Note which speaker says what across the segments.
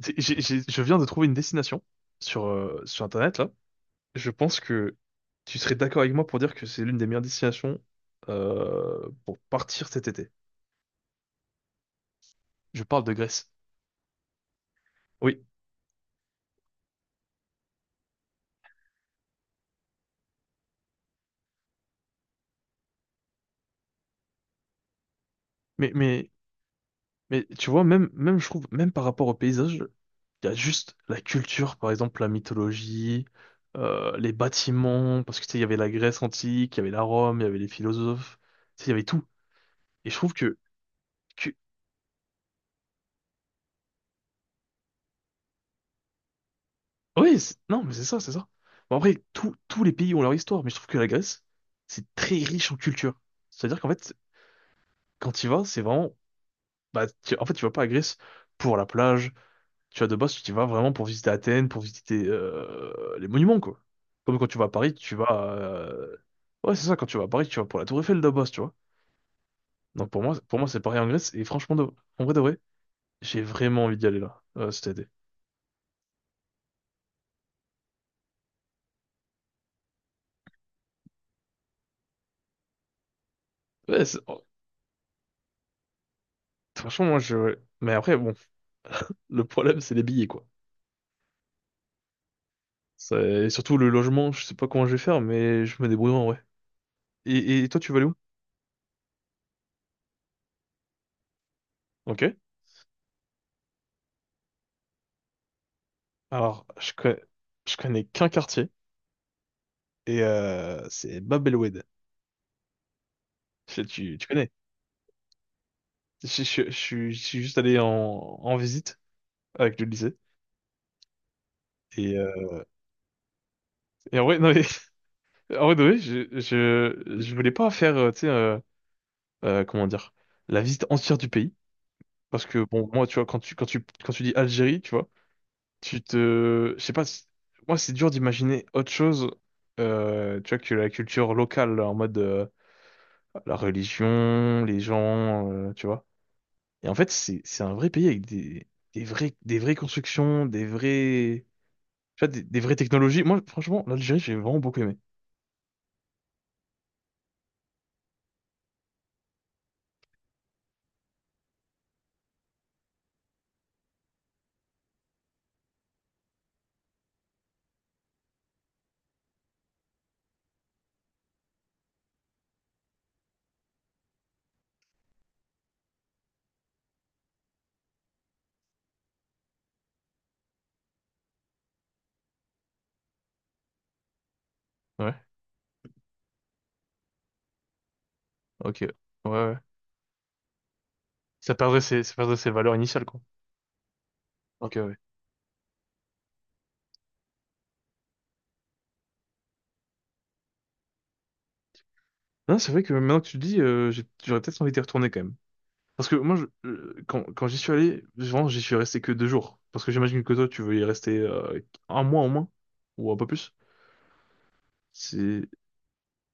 Speaker 1: Je viens de trouver une destination sur, sur Internet, là. Je pense que tu serais d'accord avec moi pour dire que c'est l'une des meilleures destinations pour partir cet été. Je parle de Grèce. Oui, mais, mais, mais tu vois, même, je trouve, même par rapport au paysage, il y a juste la culture, par exemple la mythologie, les bâtiments, parce que tu sais, il y avait la Grèce antique, il y avait la Rome, il y avait les philosophes, tu sais, il y avait tout. Et je trouve que. Oui, non, mais c'est ça, c'est ça. Bon, après, tous tous les pays ont leur histoire, mais je trouve que la Grèce, c'est très riche en culture. C'est-à-dire qu'en fait, quand tu y vas, c'est vraiment. Bah, en fait, tu vas pas à Grèce pour la plage. Tu vas de base, tu y vas vraiment pour visiter Athènes, pour visiter les monuments, quoi. Comme quand tu vas à Paris, tu vas. Ouais, c'est ça, quand tu vas à Paris, tu vas pour la Tour Eiffel de base, tu vois. Donc pour moi, c'est pareil en Grèce, et franchement, en vrai de vrai, j'ai vraiment envie d'y aller là, cet été. Oh, franchement, moi, je. Mais après, bon, le problème, c'est les billets, quoi. Et surtout le logement, je sais pas comment je vais faire, mais je me débrouille en vrai. Et toi, tu vas aller où? Ok. Alors, je connais qu'un quartier, et c'est Bab El Oued. Tu, tu connais? Je suis juste allé en, en visite avec le lycée. Et, euh, et en vrai, non, mais- en vrai, de vrai, je voulais pas faire, tu sais, comment dire, la visite entière du pays. Parce que, bon, moi, tu vois, quand tu dis Algérie, tu vois, tu te... Je sais pas, moi c'est dur d'imaginer autre chose, tu vois, que la culture locale, là, en mode la religion, les gens, tu vois. Et en fait, c'est un vrai pays avec des vrais, des vraies constructions, des vrais... Tu vois, des vraies technologies. Moi, franchement, l'Algérie, j'ai vraiment beaucoup aimé. Ouais, ok. Ouais, ouais. Ça perdrait ses valeurs initiales, quoi. Ok, ouais. Non, c'est vrai que maintenant que tu le dis, j'aurais peut-être envie d'y retourner quand même. Parce que moi, quand, quand j'y suis allé, vraiment, j'y suis resté que deux jours. Parce que j'imagine que toi, tu veux y rester un mois au moins, ou un peu plus. C'est,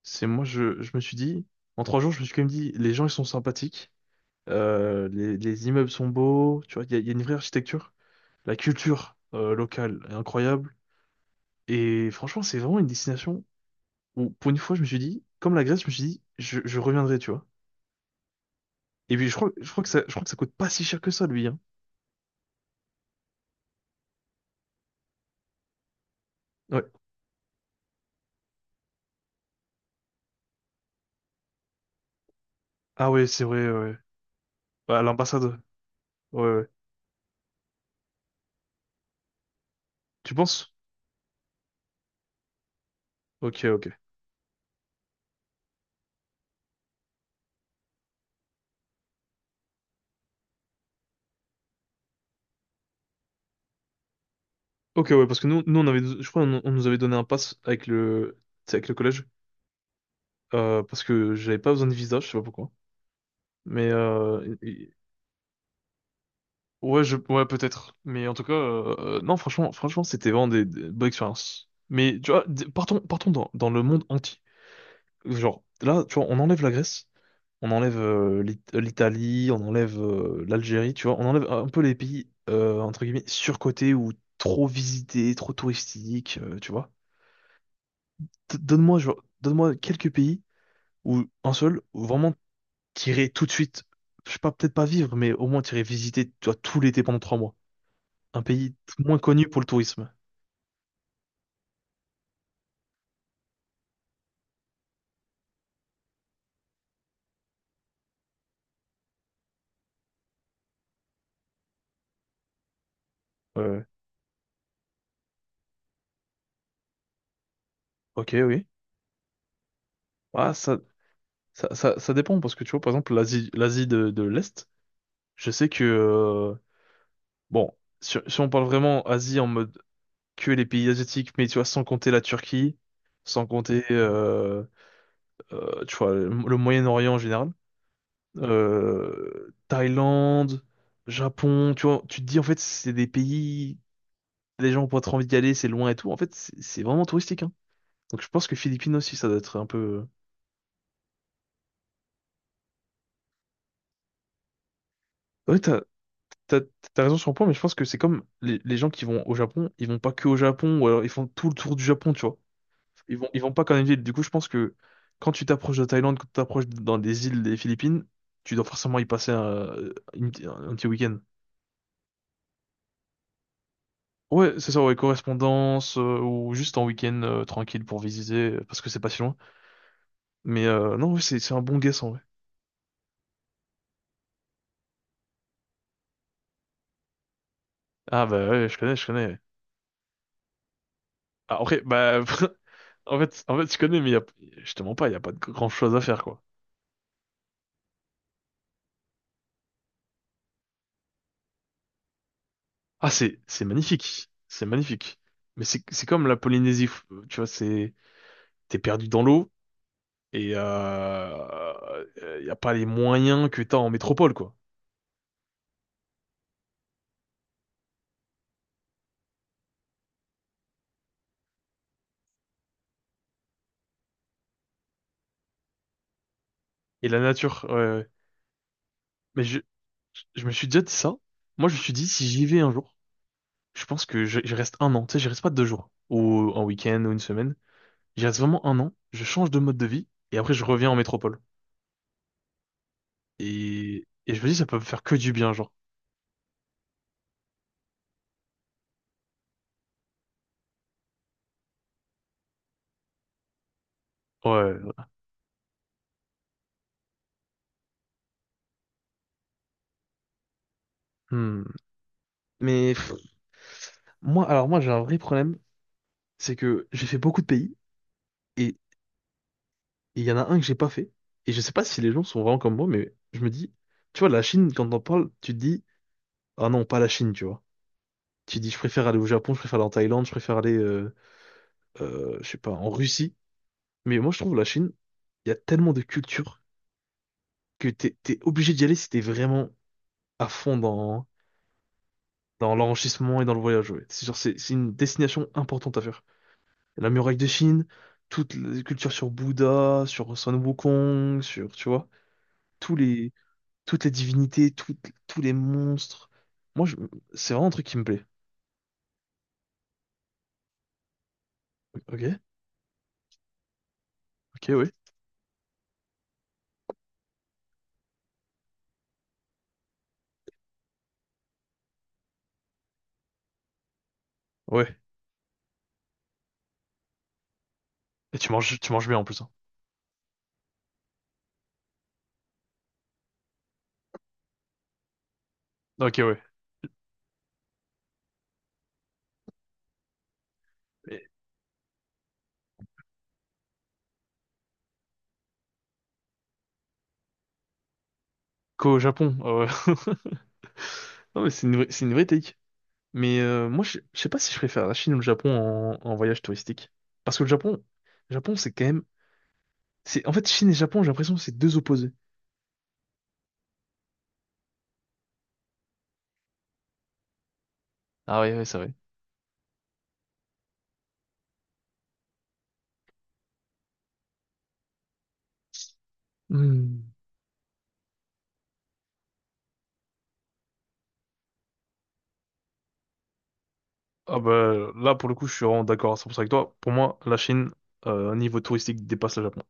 Speaker 1: c'est moi, je me suis dit, en trois jours, je me suis quand même dit, les gens, ils sont sympathiques, les immeubles sont beaux, tu vois, il y a il y a une vraie architecture. La culture locale est incroyable. Et franchement, c'est vraiment une destination où, pour une fois, je me suis dit, comme la Grèce, je me suis dit, je reviendrai, tu vois. Et puis, je crois que ça coûte pas si cher que ça, lui, hein. Ouais. Ah ouais, c'est vrai, ouais. Ouais, à l'ambassade. Ouais, ouais. Tu penses? Ok, ok. Ok, ouais, parce que nous on avait, je crois, on nous avait donné un pass avec le, tu sais, avec le collège, parce que j'avais pas besoin de visa, je sais pas pourquoi. Mais ouais, ouais, peut-être. Mais en tout cas, non, franchement, c'était vraiment des bonnes expériences. Mais tu vois, partons, partons dans, dans le monde entier. Genre, là, tu vois, on enlève la Grèce, on enlève l'Italie, on enlève l'Algérie, tu vois, on enlève un peu les pays entre guillemets surcotés ou trop visités, trop touristiques, tu vois. Donne-moi, genre, donne-moi quelques pays où un seul, où vraiment t'irais tout de suite, je sais pas, peut-être pas vivre, mais au moins t'irais visiter, tu vois, tout l'été pendant trois mois. Un pays moins connu pour le tourisme. Euh, ok, oui. Ah, ça dépend parce que tu vois, par exemple, l'Asie, de l'Est, je sais que, bon, si on parle vraiment Asie en mode que les pays asiatiques, mais tu vois, sans compter la Turquie, sans compter, tu vois, le Moyen-Orient en général. Thaïlande, Japon, tu vois, tu te dis en fait c'est des pays, les gens ont pas trop envie d'y aller, c'est loin et tout. En fait, c'est vraiment touristique, hein. Donc je pense que Philippines aussi, ça doit être un peu. Ouais, t'as, t'as raison sur un point, mais je pense que c'est comme les gens qui vont au Japon, ils vont pas que au Japon, ou alors ils font tout le tour du Japon, tu vois. Ils vont pas qu'en une ville. Du coup, je pense que quand tu t'approches de Thaïlande, quand tu t'approches dans des îles des Philippines, tu dois forcément y passer un, une- un petit week-end. Ouais, c'est ça, ouais, correspondance, ou juste en week-end tranquille pour visiter, parce que c'est pas si loin. Mais non, ouais, c'est un bon guess en vrai. Ah bah ouais, je connais, je connais. Ouais. Ah, après, bah en fait, je connais, je te mens pas, il y a pas de grand-chose à faire quoi. Ah c'est magnifique, c'est magnifique. Mais c'est comme la Polynésie, tu vois, c'est t'es perdu dans l'eau et y a pas les moyens que t'as en métropole quoi. Et la nature, ouais, ouais. Mais je me suis déjà dit ça. Moi, je me suis dit si j'y vais un jour. Je pense que j'y reste un an. Tu sais, je reste pas deux jours. Ou un week-end ou une semaine. J'y reste vraiment un an. Je change de mode de vie. Et après, je reviens en métropole. Et je me dis, ça peut me faire que du bien, genre. Ouais. Hmm. Mais pff, moi, j'ai un vrai problème. C'est que j'ai fait beaucoup de pays. Et il y en a un que j'ai pas fait. Et je sais pas si les gens sont vraiment comme moi, mais je me dis, tu vois, la Chine, quand on parle, tu te dis, ah non, pas la Chine, tu vois. Tu dis, je préfère aller au Japon, je préfère aller en Thaïlande, je sais pas, en Russie. Mais moi, je trouve la Chine, il y a tellement de culture que t'es obligé d'y aller si t'es vraiment à fond dans l'enrichissement et dans le voyage. Ouais. C'est genre, c'est une destination importante à faire. La muraille de Chine, toutes les cultures sur Bouddha, sur Sun Wukong, sur, tu vois, tous les, toutes les divinités, toutes- tous les monstres. Moi, je- c'est vraiment un truc qui me plaît. Ok, ok, oui. Ouais. Ouais. Et tu manges bien en plus. Hein. Ok, ouais. Et qu'au Japon. Non, mais c'est une vraie take. Mais moi, je sais pas si je préfère la Chine ou le Japon en, en voyage touristique. Parce que le Japon, c'est quand même. C'est, en fait, Chine et Japon, j'ai l'impression que c'est deux opposés. Ah oui, oui, c'est vrai. Hmm. Ah bah là, pour le coup, je suis vraiment d'accord à 100% avec toi. Pour moi, la Chine, niveau touristique, dépasse le Japon.